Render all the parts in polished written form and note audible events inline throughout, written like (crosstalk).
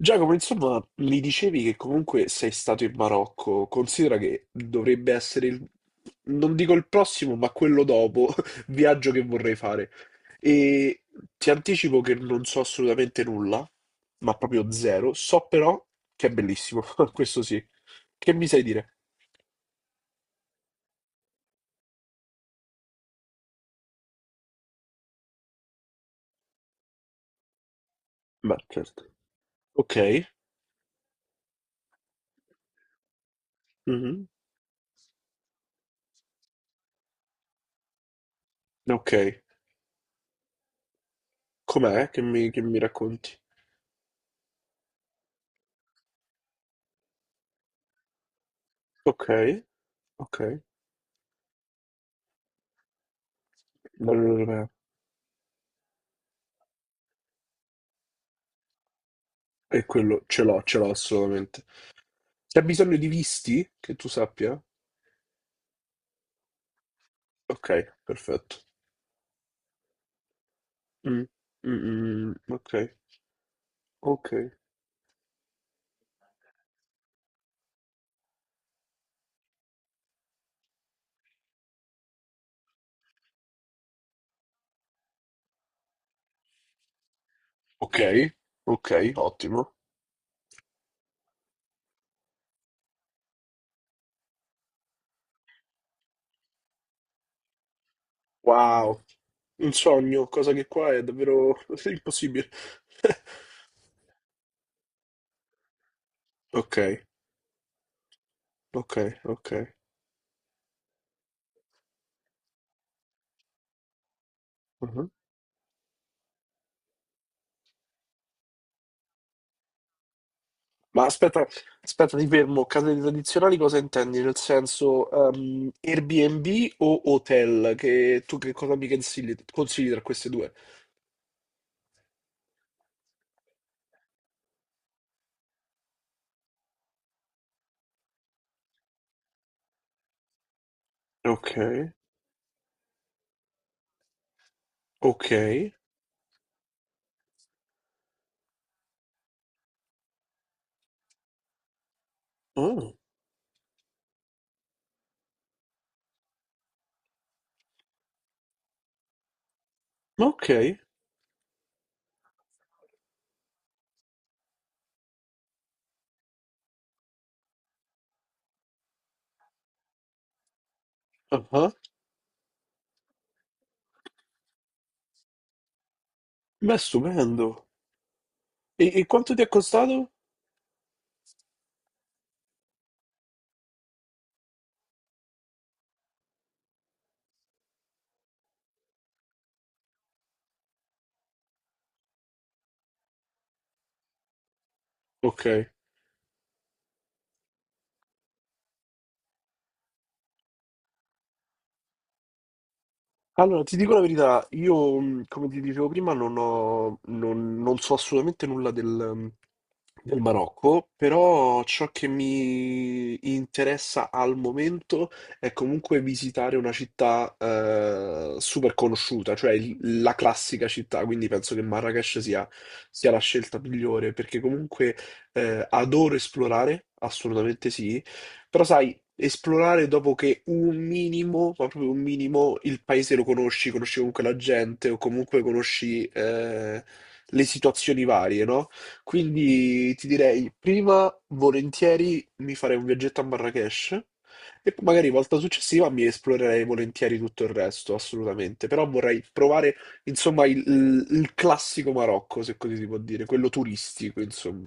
Giacomo, insomma, mi dicevi che comunque sei stato in Marocco, considera che dovrebbe essere il, non dico il prossimo, ma quello dopo, (laughs) viaggio che vorrei fare. E ti anticipo che non so assolutamente nulla, ma proprio zero. So però che è bellissimo, (laughs) questo sì. Che mi sai dire? Beh, certo. Ok, mhm, ok. Com'è che che mi racconti? Ok, ok. L'Unione Europea. E quello ce l'ho assolutamente. C'è bisogno di visti? Che tu sappia? Ok, perfetto. Mm, mm, mm. Ok, ok. Ok, ok, ottimo. Wow, un sogno, cosa che qua è davvero (laughs) impossibile. (laughs) Ok, ok, ok. Mhm. Ma aspetta, aspetta, ti fermo. Case tradizionali cosa intendi? Nel senso, Airbnb o hotel? Che tu che cosa mi consigli, tra queste due? Ok, ok. Oh, ok, ah ah. Beh, stupendo. E quanto ti è costato? Ok. Allora, ti dico la verità, io, come ti dicevo prima, non ho, non, non so assolutamente nulla del Marocco, però ciò che mi interessa al momento è comunque visitare una città super conosciuta, cioè la classica città, quindi penso che Marrakech sia la scelta migliore, perché comunque adoro esplorare, assolutamente sì, però sai, esplorare dopo che un minimo, ma proprio un minimo, il paese lo conosci comunque la gente o comunque conosci le situazioni varie, no? Quindi ti direi, prima volentieri mi farei un viaggetto a Marrakesh e poi magari volta successiva mi esplorerei volentieri tutto il resto, assolutamente. Però vorrei provare, insomma, il classico Marocco, se così si può dire, quello turistico, insomma.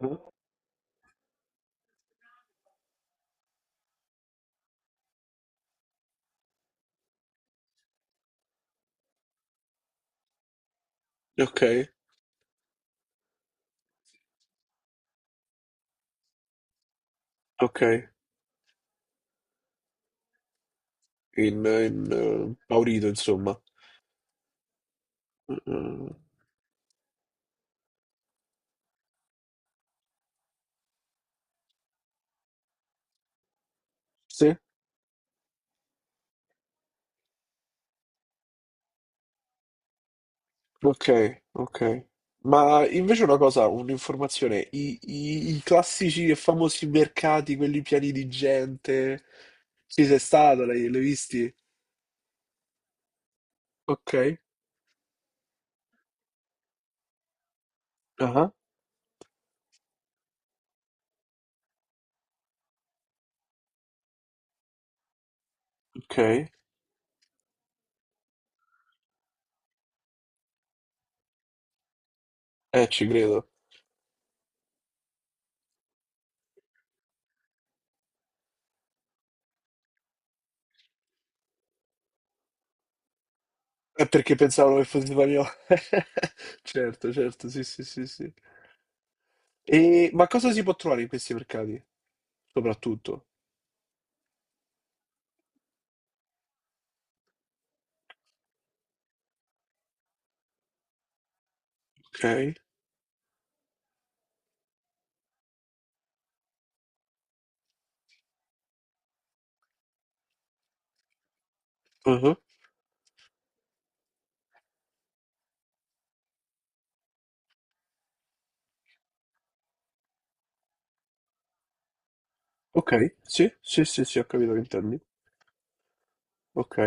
Mhm. Ok, ok, in Maurito, insomma. Mm, mm. Sì? Ok, ok. Ma invece una cosa, un'informazione, i classici e famosi mercati, quelli pieni di gente, ci sei stato, l'hai visti? Ok, ah, ok, ci credo. È perché pensavano che fosse spagnolo. (laughs) Certo, certo, sì, sì, sì, sì. E, ma cosa si può trovare in questi mercati, soprattutto? Ok, ah, ok, sì, sì, sì, sì, ho capito che intendi. Ok.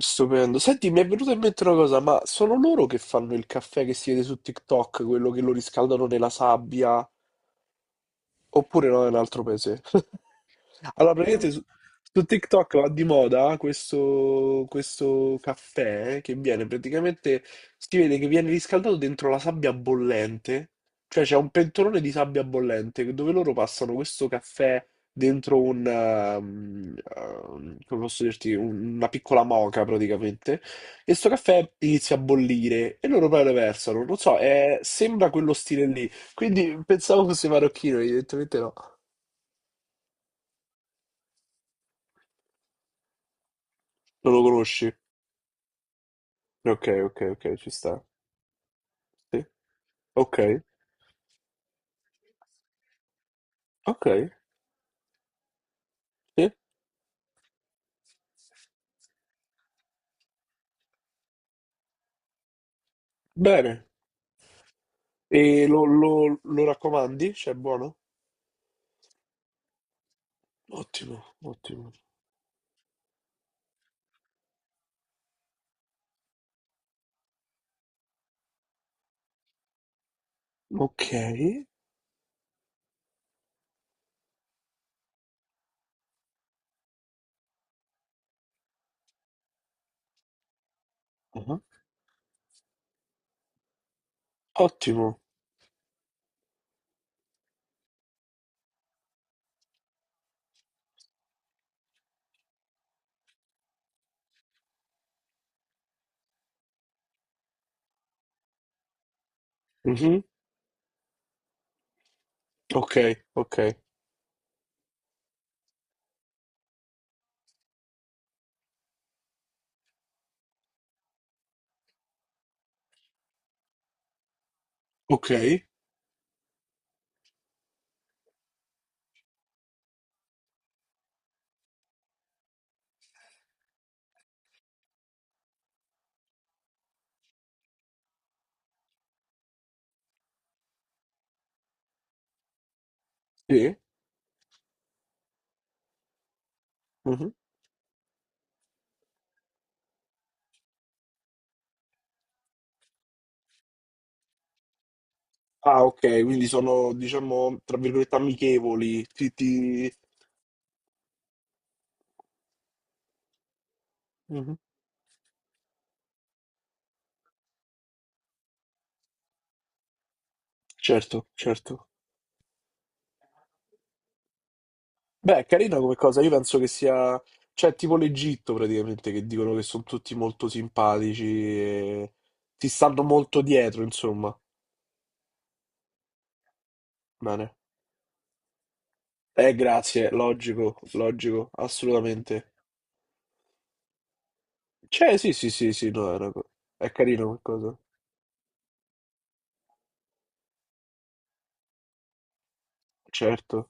Stupendo. Senti, mi è venuta in mente una cosa, ma sono loro che fanno il caffè che si vede su TikTok, quello che lo riscaldano nella sabbia, oppure no, è un altro paese? (laughs) Allora, praticamente su TikTok va di moda questo caffè che viene praticamente, si vede che viene riscaldato dentro la sabbia bollente, cioè c'è un pentolone di sabbia bollente dove loro passano questo caffè dentro come posso dirti, una piccola moca praticamente, e sto caffè inizia a bollire e loro poi lo versano, non so, sembra quello stile lì, quindi pensavo fosse marocchino, evidentemente no, non lo conosci. Ok, ok, ok, ci sta. Sì. Ok, ok, sì. Bene. E lo raccomandi? Cioè, è buono? Ottimo, ottimo. Ok. Ah. Ottimo. Mhm. Ok, ok, ok. Sì. Mhm. Ah, ok, quindi sono, diciamo, tra virgolette, amichevoli. Ti. Mhm. Certo, certo. Beh, è carina come cosa, io penso che sia, cioè tipo l'Egitto praticamente, che dicono che sono tutti molto simpatici e ti stanno molto dietro, insomma. Bene. Grazie, logico, logico, assolutamente. Cioè, sì, sì, sì, sì, no, è carino qualcosa, certo.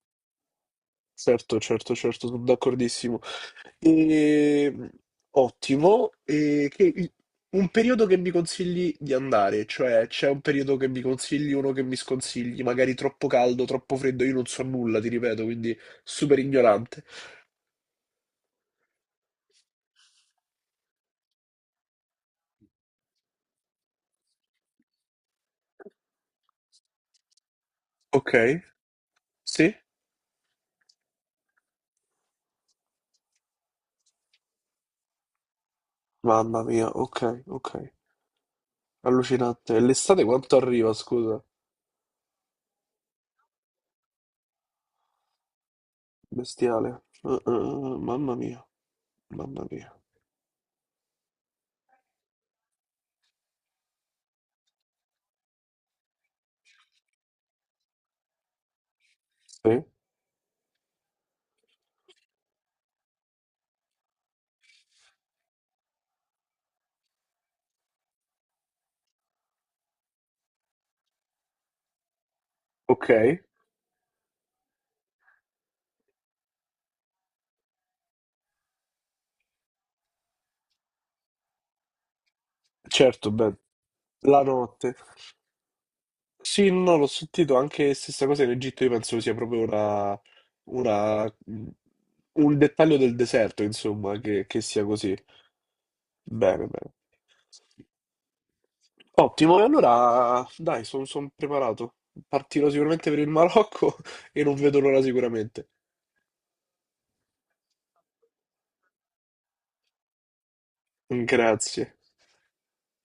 Certo, certo, certo, sono d'accordissimo. E. Ottimo. Un periodo che mi consigli di andare, cioè c'è un periodo che mi consigli, uno che mi sconsigli, magari troppo caldo, troppo freddo, io non so nulla, ti ripeto, quindi super ignorante. Ok, sì? Mamma mia, ok, ok. Allucinante. E l'estate quanto arriva, scusa? Bestiale. Mamma mia, mamma mia. Sì, ok, certo, beh, la notte. Sì, no, l'ho sentito anche stessa cosa in Egitto, io penso sia proprio una- mm, un dettaglio del deserto, insomma, che sia così. Bene, bene. Ottimo, e allora dai, sono preparato. Partirò sicuramente per il Marocco (laughs) e non vedo l'ora sicuramente. Grazie.